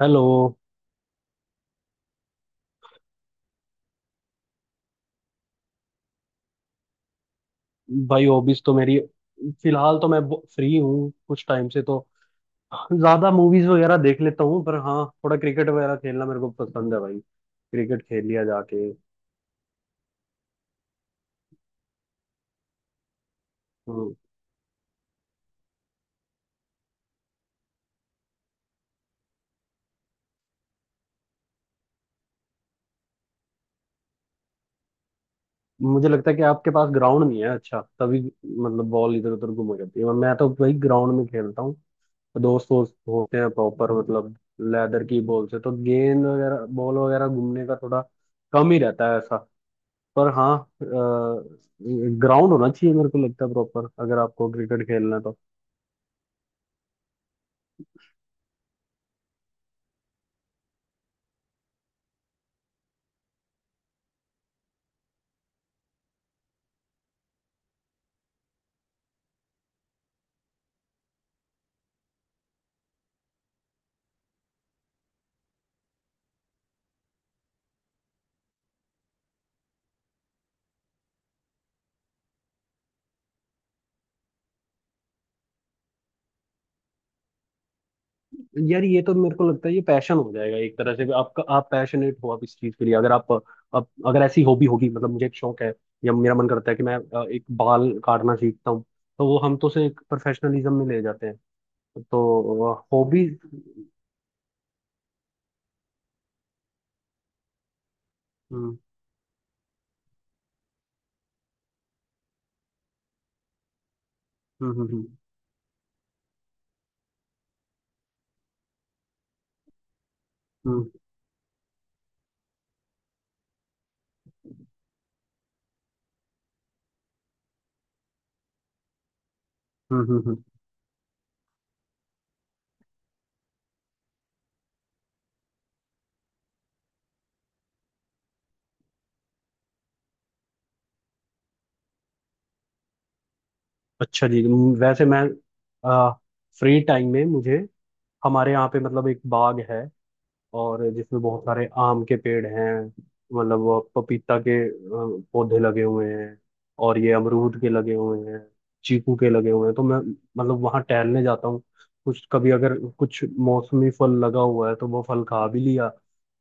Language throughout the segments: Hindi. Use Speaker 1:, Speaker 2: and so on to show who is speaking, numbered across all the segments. Speaker 1: हेलो। भाई हॉबीज तो मेरी फिलहाल तो मैं फ्री हूँ कुछ टाइम से। तो ज्यादा मूवीज वगैरह देख लेता हूँ। पर हाँ थोड़ा क्रिकेट वगैरह खेलना मेरे को पसंद है भाई। क्रिकेट खेल लिया जाके। हम्म, मुझे लगता है कि आपके पास ग्राउंड नहीं है। अच्छा तभी मतलब बॉल इधर उधर घूम जाती है। मैं तो भाई ग्राउंड में खेलता हूँ। दोस्त वोस्त होते हैं प्रॉपर मतलब लेदर की बॉल से तो गेंद वगैरह बॉल वगैरह घूमने का थोड़ा कम ही रहता है ऐसा। पर हाँ ग्राउंड होना चाहिए मेरे को लगता है प्रॉपर, अगर आपको क्रिकेट खेलना है तो। यार ये तो मेरे को लगता है ये पैशन हो जाएगा एक तरह से भी आपका। आप पैशनेट हो आप इस चीज के लिए अगर आप आप अगर ऐसी हॉबी होगी मतलब मुझे एक शौक है या मेरा मन करता है कि मैं एक बाल काटना सीखता हूँ तो वो हम तो उसे एक प्रोफेशनलिज्म में ले जाते हैं। तो हॉबी। हम्म, हम्म, हम्म, हम्म, हम्म, हम्म। अच्छा जी। वैसे मैं फ्री टाइम में मुझे हमारे यहाँ पे मतलब एक बाग है और जिसमें बहुत सारे आम के पेड़ हैं। मतलब वो पपीता के पौधे लगे हुए हैं और ये अमरूद के लगे हुए हैं, चीकू के लगे हुए हैं तो मैं मतलब वहाँ टहलने जाता हूँ। कुछ कभी अगर कुछ मौसमी फल लगा हुआ है तो वो फल खा भी लिया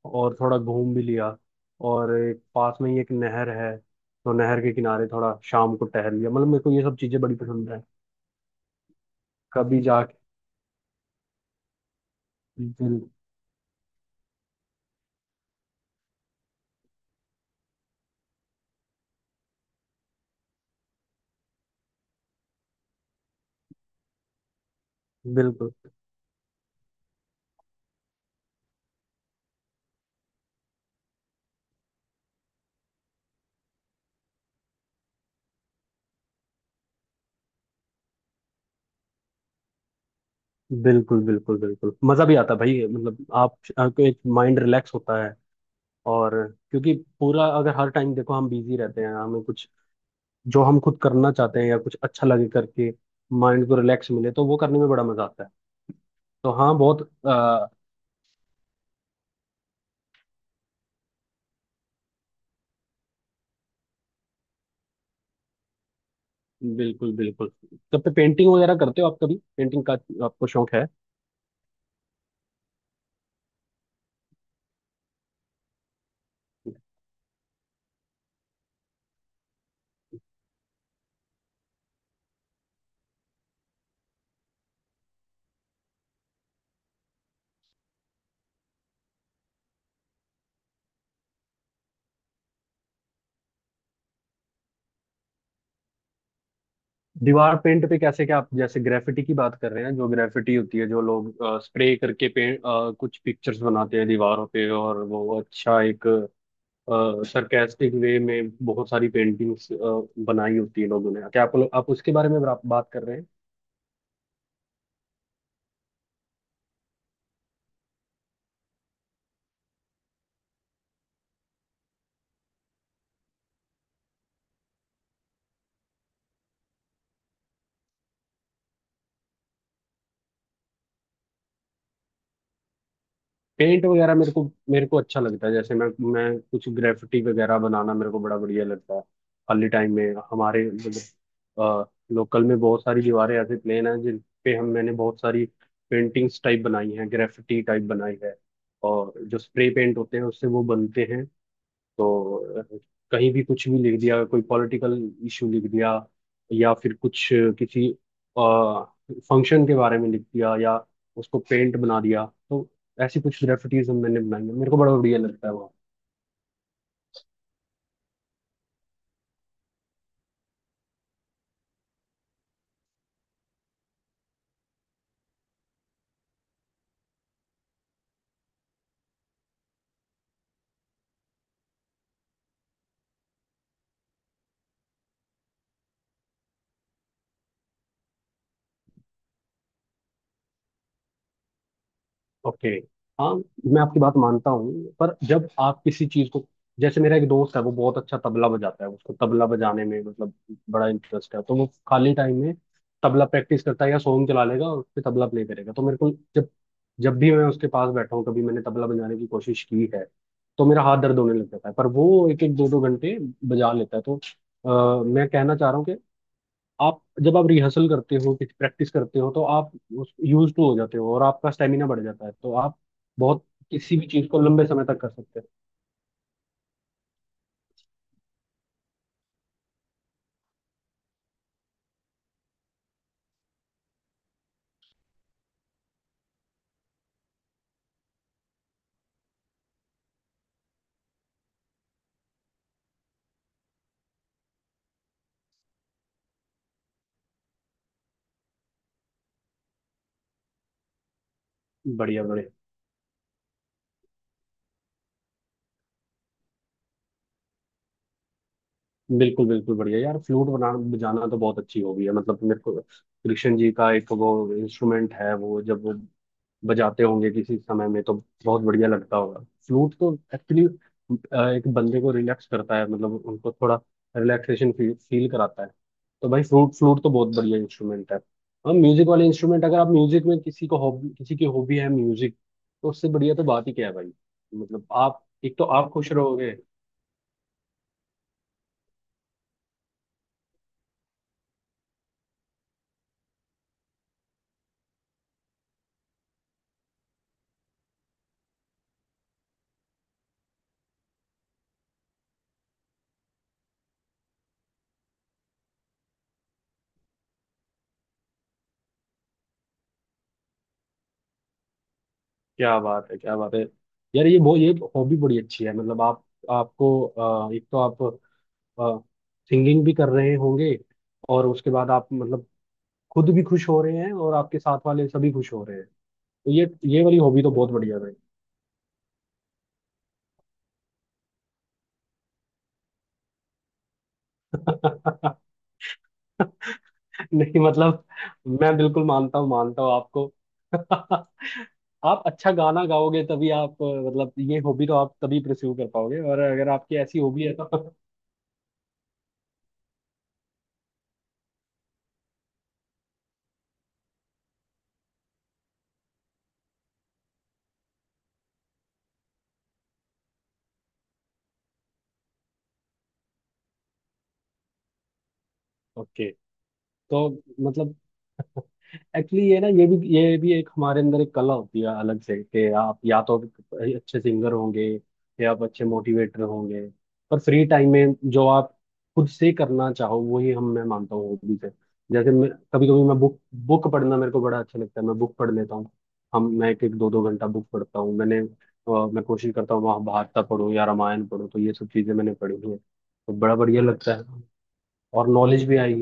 Speaker 1: और थोड़ा घूम भी लिया। और एक पास में ही एक नहर है तो नहर के किनारे थोड़ा शाम को टहल लिया। मतलब मेरे को ये सब चीज़ें बड़ी पसंद है। कभी जाके बिल, बिल्कुल बिल्कुल बिल्कुल बिल्कुल मजा भी आता है भाई। मतलब आप आपको एक माइंड रिलैक्स होता है। और क्योंकि पूरा अगर हर टाइम देखो हम बिजी रहते हैं। हमें कुछ जो हम खुद करना चाहते हैं या कुछ अच्छा लगे करके माइंड को रिलैक्स मिले तो वो करने में बड़ा मजा आता है। तो हाँ बहुत अ, बिल्कुल बिल्कुल। तब पे पेंटिंग वगैरह करते हो आप? कभी पेंटिंग का आपको शौक है? दीवार पेंट पे कैसे? क्या आप जैसे ग्रेफिटी की बात कर रहे हैं? जो ग्रेफिटी होती है जो लोग स्प्रे करके पेंट कुछ पिक्चर्स बनाते हैं दीवारों पे, और वो अच्छा एक सरकास्टिक वे में बहुत सारी पेंटिंग्स बनाई होती है लोगों ने। क्या आप उसके बारे में बात कर रहे हैं? पेंट वगैरह मेरे को अच्छा लगता है। जैसे मैं कुछ ग्रेफिटी वगैरह बनाना मेरे को बड़ा बढ़िया लगता है। खाली टाइम में हमारे मतलब लोकल में बहुत सारी दीवारें ऐसे प्लेन हैं जिन पे हम मैंने बहुत सारी पेंटिंग्स टाइप बनाई हैं, ग्रेफिटी टाइप बनाई है। और जो स्प्रे पेंट होते हैं उससे वो बनते हैं। तो कहीं भी कुछ भी लिख दिया, कोई पॉलिटिकल इशू लिख दिया, या फिर कुछ किसी फंक्शन के बारे में लिख दिया, या उसको पेंट बना दिया। तो ऐसी कुछ ग्रेफिटीज हम मैंने बनाई हैं। मेरे को बड़ा बढ़िया लगता है। ओके। हाँ मैं आपकी बात मानता हूँ। पर जब आप किसी चीज को, जैसे मेरा एक दोस्त है वो बहुत अच्छा तबला बजाता है, उसको तबला बजाने में मतलब बड़ा इंटरेस्ट है, तो वो खाली टाइम में तबला प्रैक्टिस करता है या सॉन्ग चला लेगा और उस पे तबला प्ले करेगा। तो मेरे को, जब जब भी मैं उसके पास बैठा हूँ कभी मैंने तबला बजाने की कोशिश की है तो मेरा हाथ दर्द होने लग जाता है। पर वो एक एक दो दो घंटे बजा लेता है। तो मैं कहना चाह रहा हूँ आप जब आप रिहर्सल करते हो, कुछ प्रैक्टिस करते हो, तो आप उस यूज टू हो जाते हो और आपका स्टेमिना बढ़ जाता है तो आप बहुत किसी भी चीज को लंबे समय तक कर सकते हैं। बढ़िया बढ़िया। बिल्कुल बिल्कुल बढ़िया यार। फ्लूट बनाना बजाना तो बहुत अच्छी हॉबी है। मतलब मेरे को कृष्ण जी का एक वो इंस्ट्रूमेंट है, वो जब वो बजाते होंगे किसी समय में तो बहुत बढ़िया लगता होगा। फ्लूट तो एक्चुअली एक बंदे को रिलैक्स करता है। मतलब उनको थोड़ा रिलैक्सेशन फील फील कराता है। तो भाई फ्लूट फ्लूट तो बहुत बढ़िया इंस्ट्रूमेंट है। और म्यूजिक वाले इंस्ट्रूमेंट, अगर आप म्यूजिक में किसी की हॉबी है म्यूजिक, तो उससे बढ़िया तो बात ही क्या है भाई। मतलब आप एक तो आप खुश रहोगे। क्या बात है, क्या बात है। यार ये हॉबी बड़ी अच्छी है। मतलब आप आपको एक तो आप सिंगिंग भी कर रहे होंगे और उसके बाद आप मतलब खुद भी खुश हो रहे हैं और आपके साथ वाले सभी खुश हो रहे हैं तो ये वाली हॉबी तो बहुत बढ़िया है भाई। नहीं मतलब मैं बिल्कुल मानता हूँ, मानता हूँ आपको। आप अच्छा गाना गाओगे तभी आप मतलब ये हॉबी तो आप तभी प्रस्यू कर पाओगे, और अगर आपकी ऐसी हॉबी है तो। ओके। तो मतलब एक्चुअली ये ना, ये भी एक हमारे अंदर एक कला होती है अलग से कि आप या तो अच्छे सिंगर होंगे या आप अच्छे मोटिवेटर होंगे। पर फ्री टाइम में जो आप खुद से करना चाहो वही, हम मैं मानता हूँ, हॉबी से। जैसे मैं कभी कभी मैं बुक बुक पढ़ना मेरे को बड़ा अच्छा लगता है। मैं बुक पढ़ लेता हूँ। हम मैं एक एक दो दो घंटा बुक पढ़ता हूँ। मैं कोशिश करता हूँ महाभारत पढ़ूँ या रामायण पढ़ूँ, तो ये सब चीज़ें मैंने पढ़ी हुई हैं तो बड़ा बढ़िया लगता है। और नॉलेज भी आई।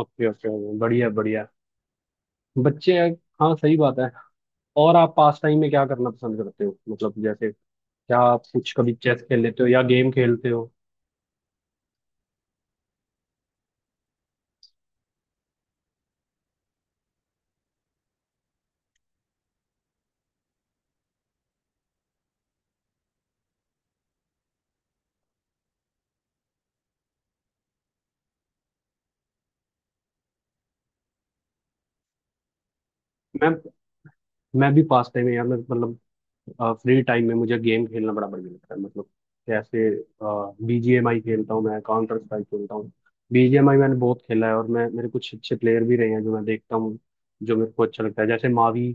Speaker 1: Okay okay. बढ़िया बढ़िया। बच्चे हैं। हाँ सही बात है। और आप पास टाइम में क्या करना पसंद करते हो? मतलब जैसे क्या आप कुछ कभी चेस खेल लेते हो या गेम खेलते हो? मैं मैं भी पास टाइम में यार मैं मतलब फ्री टाइम में मुझे गेम खेलना बड़ा बढ़िया लगता है। मतलब जैसे बीजीएमआई खेलता हूँ मैं, काउंटर स्ट्राइक खेलता हूँ। बीजीएमआई मैंने बहुत खेला है। और मैं मेरे कुछ अच्छे प्लेयर भी रहे हैं जो मैं देखता हूँ, जो मेरे को अच्छा लगता है। जैसे मावी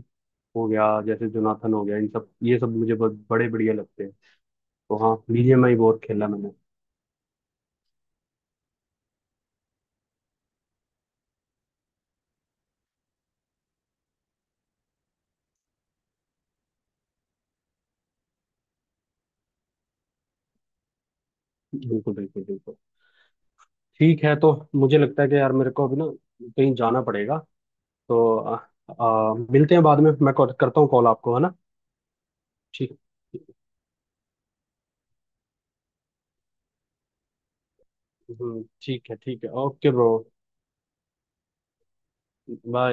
Speaker 1: हो गया, जैसे जोनाथन हो गया, इन सब ये सब मुझे बहुत बड़े बढ़िया लगते हैं। तो हाँ बीजीएमआई बहुत खेला मैंने। बिल्कुल बिल्कुल बिल्कुल। ठीक है। तो मुझे लगता है कि यार मेरे को अभी ना कहीं जाना पड़ेगा। तो मिलते हैं बाद में। मैं करता हूँ कॉल आपको, है ना? ठीक। ठीक है, ठीक है। Okay bro. बाय।